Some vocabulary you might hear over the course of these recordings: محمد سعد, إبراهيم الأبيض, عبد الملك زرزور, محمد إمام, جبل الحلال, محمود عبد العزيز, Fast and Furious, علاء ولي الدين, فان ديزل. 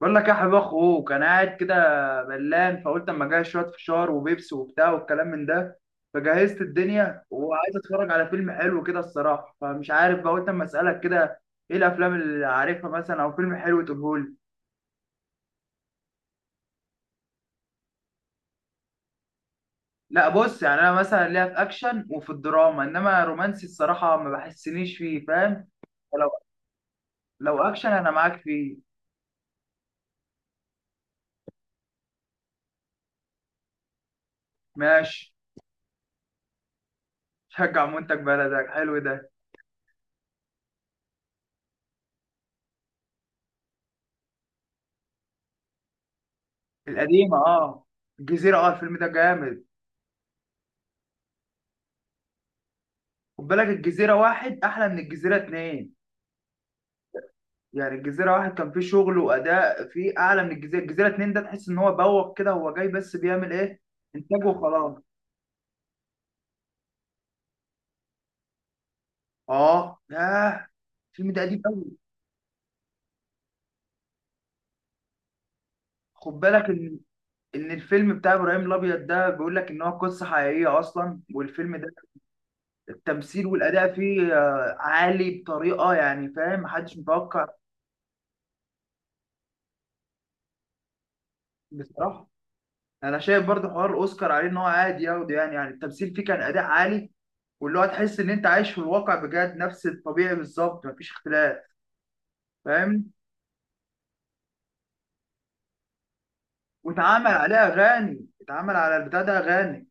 بقول لك يا حبيب اخوك، انا قاعد كده ملان، فقلت اما اجهز شويه فشار وبيبسي وبتاع والكلام من ده. فجهزت الدنيا وعايز اتفرج على فيلم حلو كده الصراحه، فمش عارف بقى، قلت اما اسالك كده ايه الافلام اللي عارفها مثلا، او فيلم حلو تقولهولي. لا بص، يعني انا مثلا ليا في اكشن وفي الدراما، انما رومانسي الصراحه ما بحسنيش فيه، فاهم؟ فلو لو اكشن انا معاك فيه. ماشي. شجع منتج بلدك، حلو ده. القديمه، اه. الجزيره، اه، الفيلم ده جامد. خد بالك، الجزيرة واحد أحلى من الجزيرة اتنين. يعني الجزيرة واحد كان فيه شغل وأداء فيه أعلى من الجزيرة، الجزيرة اتنين ده تحس إن هو بوق كده، هو جاي بس بيعمل إيه؟ إنتاج وخلاص. آه ياه، الفيلم ده قديم أوي. خد بالك إن إن الفيلم بتاع إبراهيم الأبيض ده بيقول لك إن هو قصة حقيقية أصلا، والفيلم ده التمثيل والأداء فيه عالي بطريقة، يعني فاهم، محدش متوقع. بصراحة أنا شايف برضه حوار الأوسكار عليه، إن هو عادي ياخده، يعني يعني التمثيل فيه كان أداء عالي، واللي هو تحس ان انت عايش في الواقع بجد، نفس الطبيعي بالظبط، مفيش اختلاف، فاهم؟ واتعمل عليه اغاني، اتعمل على البتاع ده اغاني.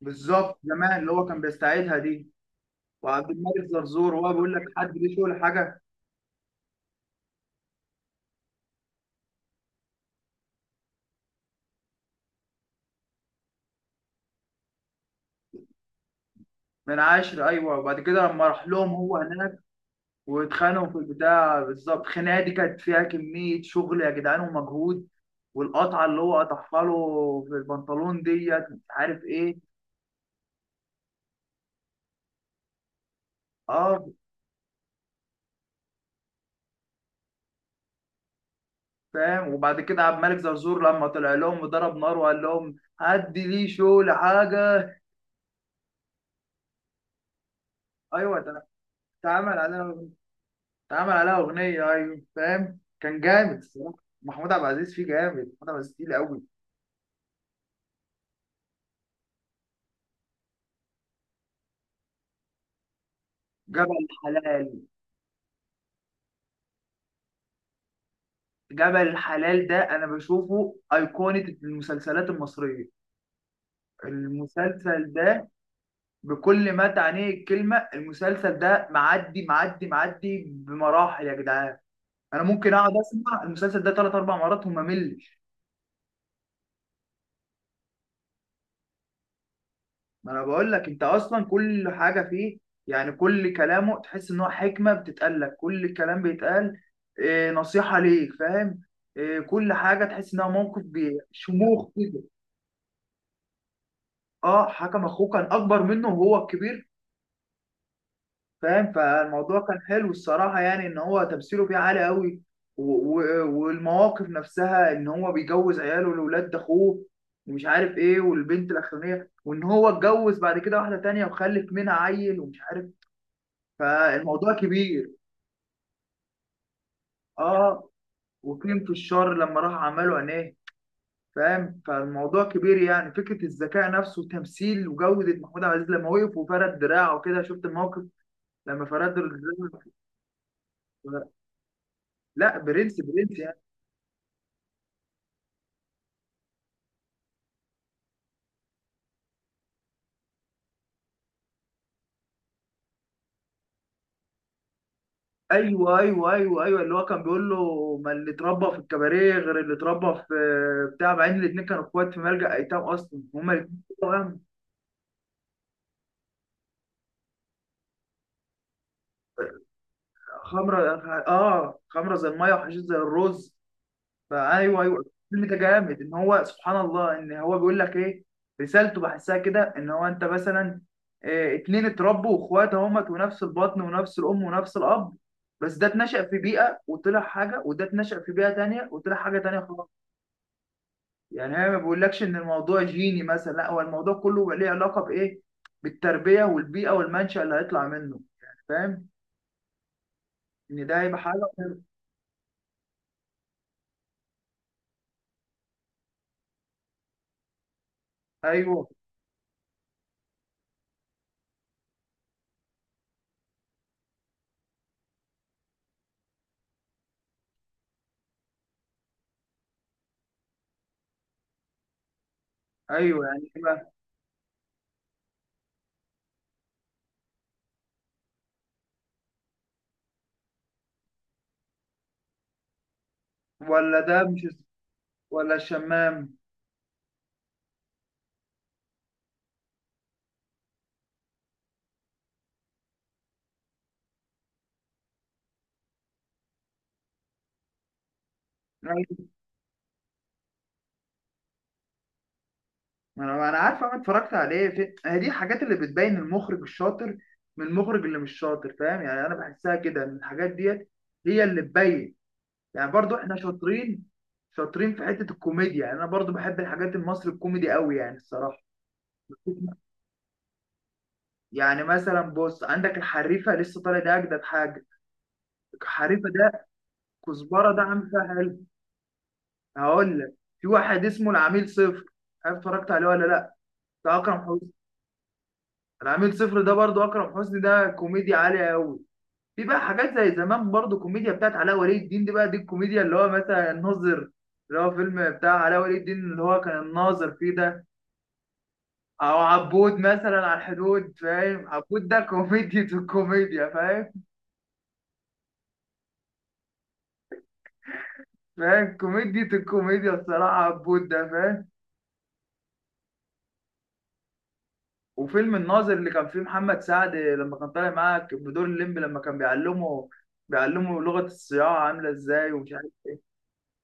بالظبط، زمان اللي هو كان بيستعيدها دي. وعبد الملك زرزور، وهو بيقول لك حد ليه شغل حاجه. من عشر، ايوه. وبعد كده لما راح لهم هو هناك واتخانقوا في البتاع بالظبط، الخناقه دي كانت فيها كميه شغل يا جدعان، ومجهود. والقطعه اللي هو قطعها له في البنطلون ديت، مش عارف ايه. اه. فاهم. وبعد كده عبد الملك زرزور لما طلع لهم وضرب نار وقال لهم هدي لي شو لحاجه. ايوه ده، اتعمل عليها اتعمل عليها اغنيه، ايوه. فاهم، كان جامد الصراحه. محمود عبد العزيز فيه جامد، محمود عبد العزيز تقيل قوي. جبل الحلال. جبل الحلال ده انا بشوفه ايقونه المسلسلات المصريه، المسلسل ده، بكل ما تعنيه الكلمه. المسلسل ده معدي معدي معدي بمراحل يا جدعان. انا ممكن اقعد اسمع المسلسل ده ثلاث اربع مرات وما ملش. ما انا بقول لك، انت اصلا كل حاجه فيه، يعني كل كلامه تحس ان هو حكمه بتتقال لك، كل كلام بيتقال إيه نصيحه ليك، فاهم؟ إيه، كل حاجه تحس انها موقف شموخ كده. اه، حكم اخوه كان اكبر منه، وهو الكبير، فاهم؟ فالموضوع كان حلو الصراحه، يعني ان هو تمثيله فيه عالي قوي. والمواقف نفسها، ان هو بيجوز عياله لاولاد اخوه، ومش عارف ايه، والبنت الاخرانيه، وان هو اتجوز بعد كده واحده تانية وخلف منها عيل ومش عارف، فالموضوع كبير. اه. وكريم في الشر لما راح عمله عينيه، فاهم؟ فالموضوع كبير، يعني فكره الذكاء نفسه وتمثيل وجوده، محمود عبد العزيز لما وقف وفرد دراعه وكده، شفت الموقف لما فرد دراعه. لا، برنس برنس يعني. ايوه ايوه ايوه ايوه، اللي هو كان بيقول له ما اللي اتربى في الكباريه غير اللي اتربى في بتاع، مع ان الاثنين كانوا اخوات في ملجأ ايتام اصلا، هما الاثنين توأم. خمره. اه، خمره زي الميه وحشيش زي الرز. فايوه ايوه، الفيلم ده جامد، ان هو سبحان الله، ان هو بيقول لك ايه، رسالته بحسها كده، ان هو انت مثلا إيه، اتنين اتربوا واخوات، اهمت ونفس البطن ونفس الام ونفس الاب، بس ده اتنشأ في بيئه وطلع حاجه، وده اتنشأ في بيئه تانية وطلع حاجه تانية خالص. يعني هي ما بيقولكش ان الموضوع جيني مثلا، لا، هو الموضوع كله ليه علاقه بايه، بالتربيه والبيئه والمنشأ اللي هيطلع منه، يعني فاهم، ان ده هيبقى حاجه. ايوه ايوه، يعني إيه بقى؟ ولا ده مش، ولا الشمام. ما انا عارف، انا اتفرجت عليه في هي دي الحاجات اللي بتبين المخرج الشاطر من المخرج اللي مش شاطر، فاهم؟ يعني انا بحسها كده، ان الحاجات ديت هي اللي تبين. يعني برضو احنا شاطرين، شاطرين في حتة الكوميديا، يعني انا برضو بحب الحاجات المصري الكوميدي قوي يعني الصراحة. يعني مثلا بص، عندك الحريفة لسه طالع، ده اجدد حاجة، الحريفة ده، كزبرة ده عامل فيها حلو. هقول لك، في واحد اسمه العميل صفر، عارف؟ اتفرجت عليه ولا لا؟ ده اكرم حسني. العميل صفر ده برضو اكرم حسني، ده كوميديا عالية قوي. في بقى حاجات زي زمان برضو، كوميديا بتاعت علاء ولي الدين، دي بقى دي الكوميديا، اللي هو مثلا الناظر، اللي هو فيلم بتاع علاء ولي الدين اللي هو كان الناظر فيه ده. او عبود مثلا، على الحدود، فاهم؟ عبود ده كوميديا الكوميديا، فاهم؟ فاهم، كوميديا الكوميديا الصراحة عبود ده، فاهم؟ وفيلم الناظر اللي كان فيه محمد سعد لما كان طالع معاه بدور الليمبي، لما كان بيعلمه لغة الصياعة عاملة ازاي، ومش عارف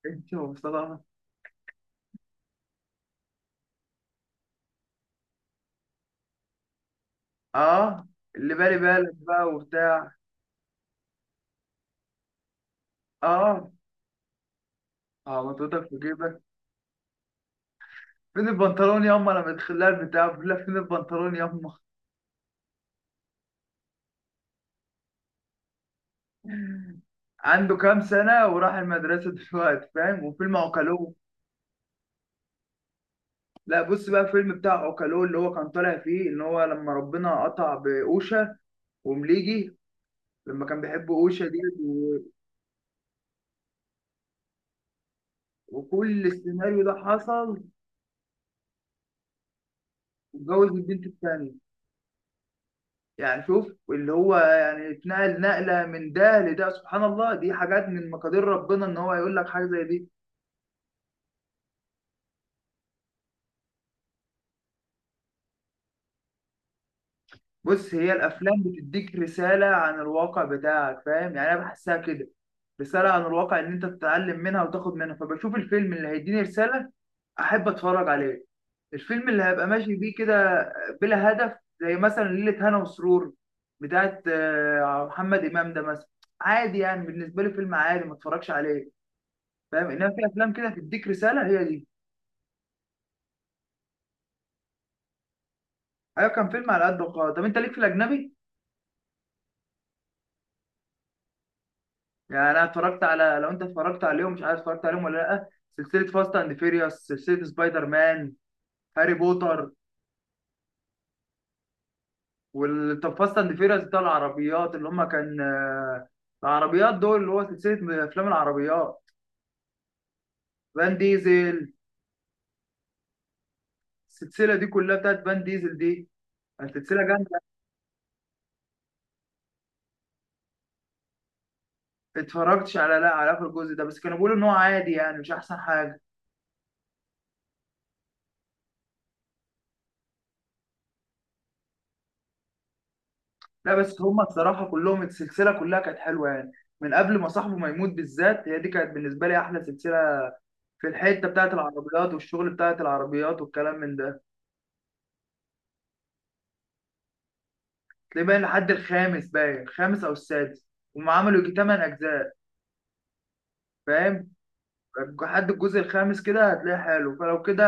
ايه. ومصطفى. اه، اللي بالي بالك بقى وبتاع. اه اه، منطقتك في جيبك. فين البنطلون ياما، لما تخليها البتاع بقول لها فين البنطلون ياما. عنده كام سنة وراح المدرسة دلوقتي، فاهم؟ وفيلم عوكلو. لا بص بقى، فيلم بتاع عوكلو اللي هو كان طالع فيه ان هو لما ربنا قطع بأوشا ومليجي، لما كان بيحب أوشا دي، و... وكل السيناريو ده حصل. واتجوز البنت التانية. يعني شوف اللي هو يعني اتنقل نقلة من ده لده، سبحان الله، دي حاجات من مقادير ربنا ان هو يقول لك حاجة زي دي. بص، هي الافلام بتديك رساله عن الواقع بتاعك، فاهم؟ يعني انا بحسها كده، رساله عن الواقع ان انت تتعلم منها وتاخد منها، فبشوف الفيلم اللي هيديني رساله احب اتفرج عليه. الفيلم اللي هبقى ماشي بيه كده بلا هدف، زي مثلا ليلة هنا وسرور بتاعت محمد إمام ده مثلا، عادي يعني بالنسبة لي، فيلم عادي ما اتفرجش عليه، فاهم؟ إنما في أفلام كده تديك رسالة، هي دي. أيوة كان فيلم على قد، وقال طب أنت ليك في الأجنبي؟ يعني انا اتفرجت على، لو انت اتفرجت عليهم مش عارف، اتفرجت عليهم ولا لا؟ سلسله فاست اند فيريوس، سلسله سبايدر مان، هاري بوتر. وال، طب فاست اند فيريوس بتاع العربيات اللي هم كان العربيات دول، اللي هو سلسله افلام العربيات. فان ديزل. السلسله دي كلها بتاعت فان ديزل دي، سلسله جامده. اتفرجتش على، لا، على اخر الجزء ده، بس كانوا بيقولوا ان هو عادي، يعني مش احسن حاجه. لا، بس هم الصراحه كلهم السلسله كلها كانت حلوه، يعني من قبل ما صاحبه ما يموت بالذات، هي دي كانت بالنسبه لي احلى سلسله في الحته بتاعت العربيات والشغل بتاعت العربيات والكلام من ده. تلاقيه باين لحد الخامس، باين الخامس او السادس. هم عملوا يجي تمن اجزاء، فاهم؟ لحد الجزء الخامس كده هتلاقيه حلو، فلو كده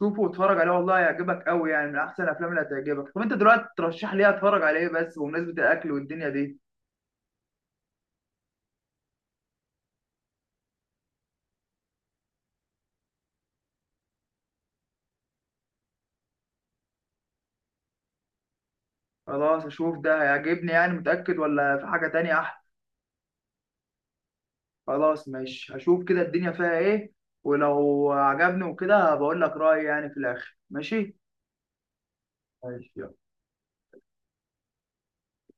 شوفه واتفرج عليه، والله هيعجبك قوي، يعني من احسن الافلام اللي هتعجبك. طب انت دلوقتي ترشح لي إيه؟ اتفرج على ايه بس، بمناسبه الاكل والدنيا دي؟ خلاص اشوف ده، هيعجبني يعني، متاكد؟ ولا في حاجه تانية احلى؟ خلاص ماشي، هشوف كده الدنيا فيها ايه، ولو عجبني وكده بقول لك رايي يعني في الاخر. ماشي ماشي يلا.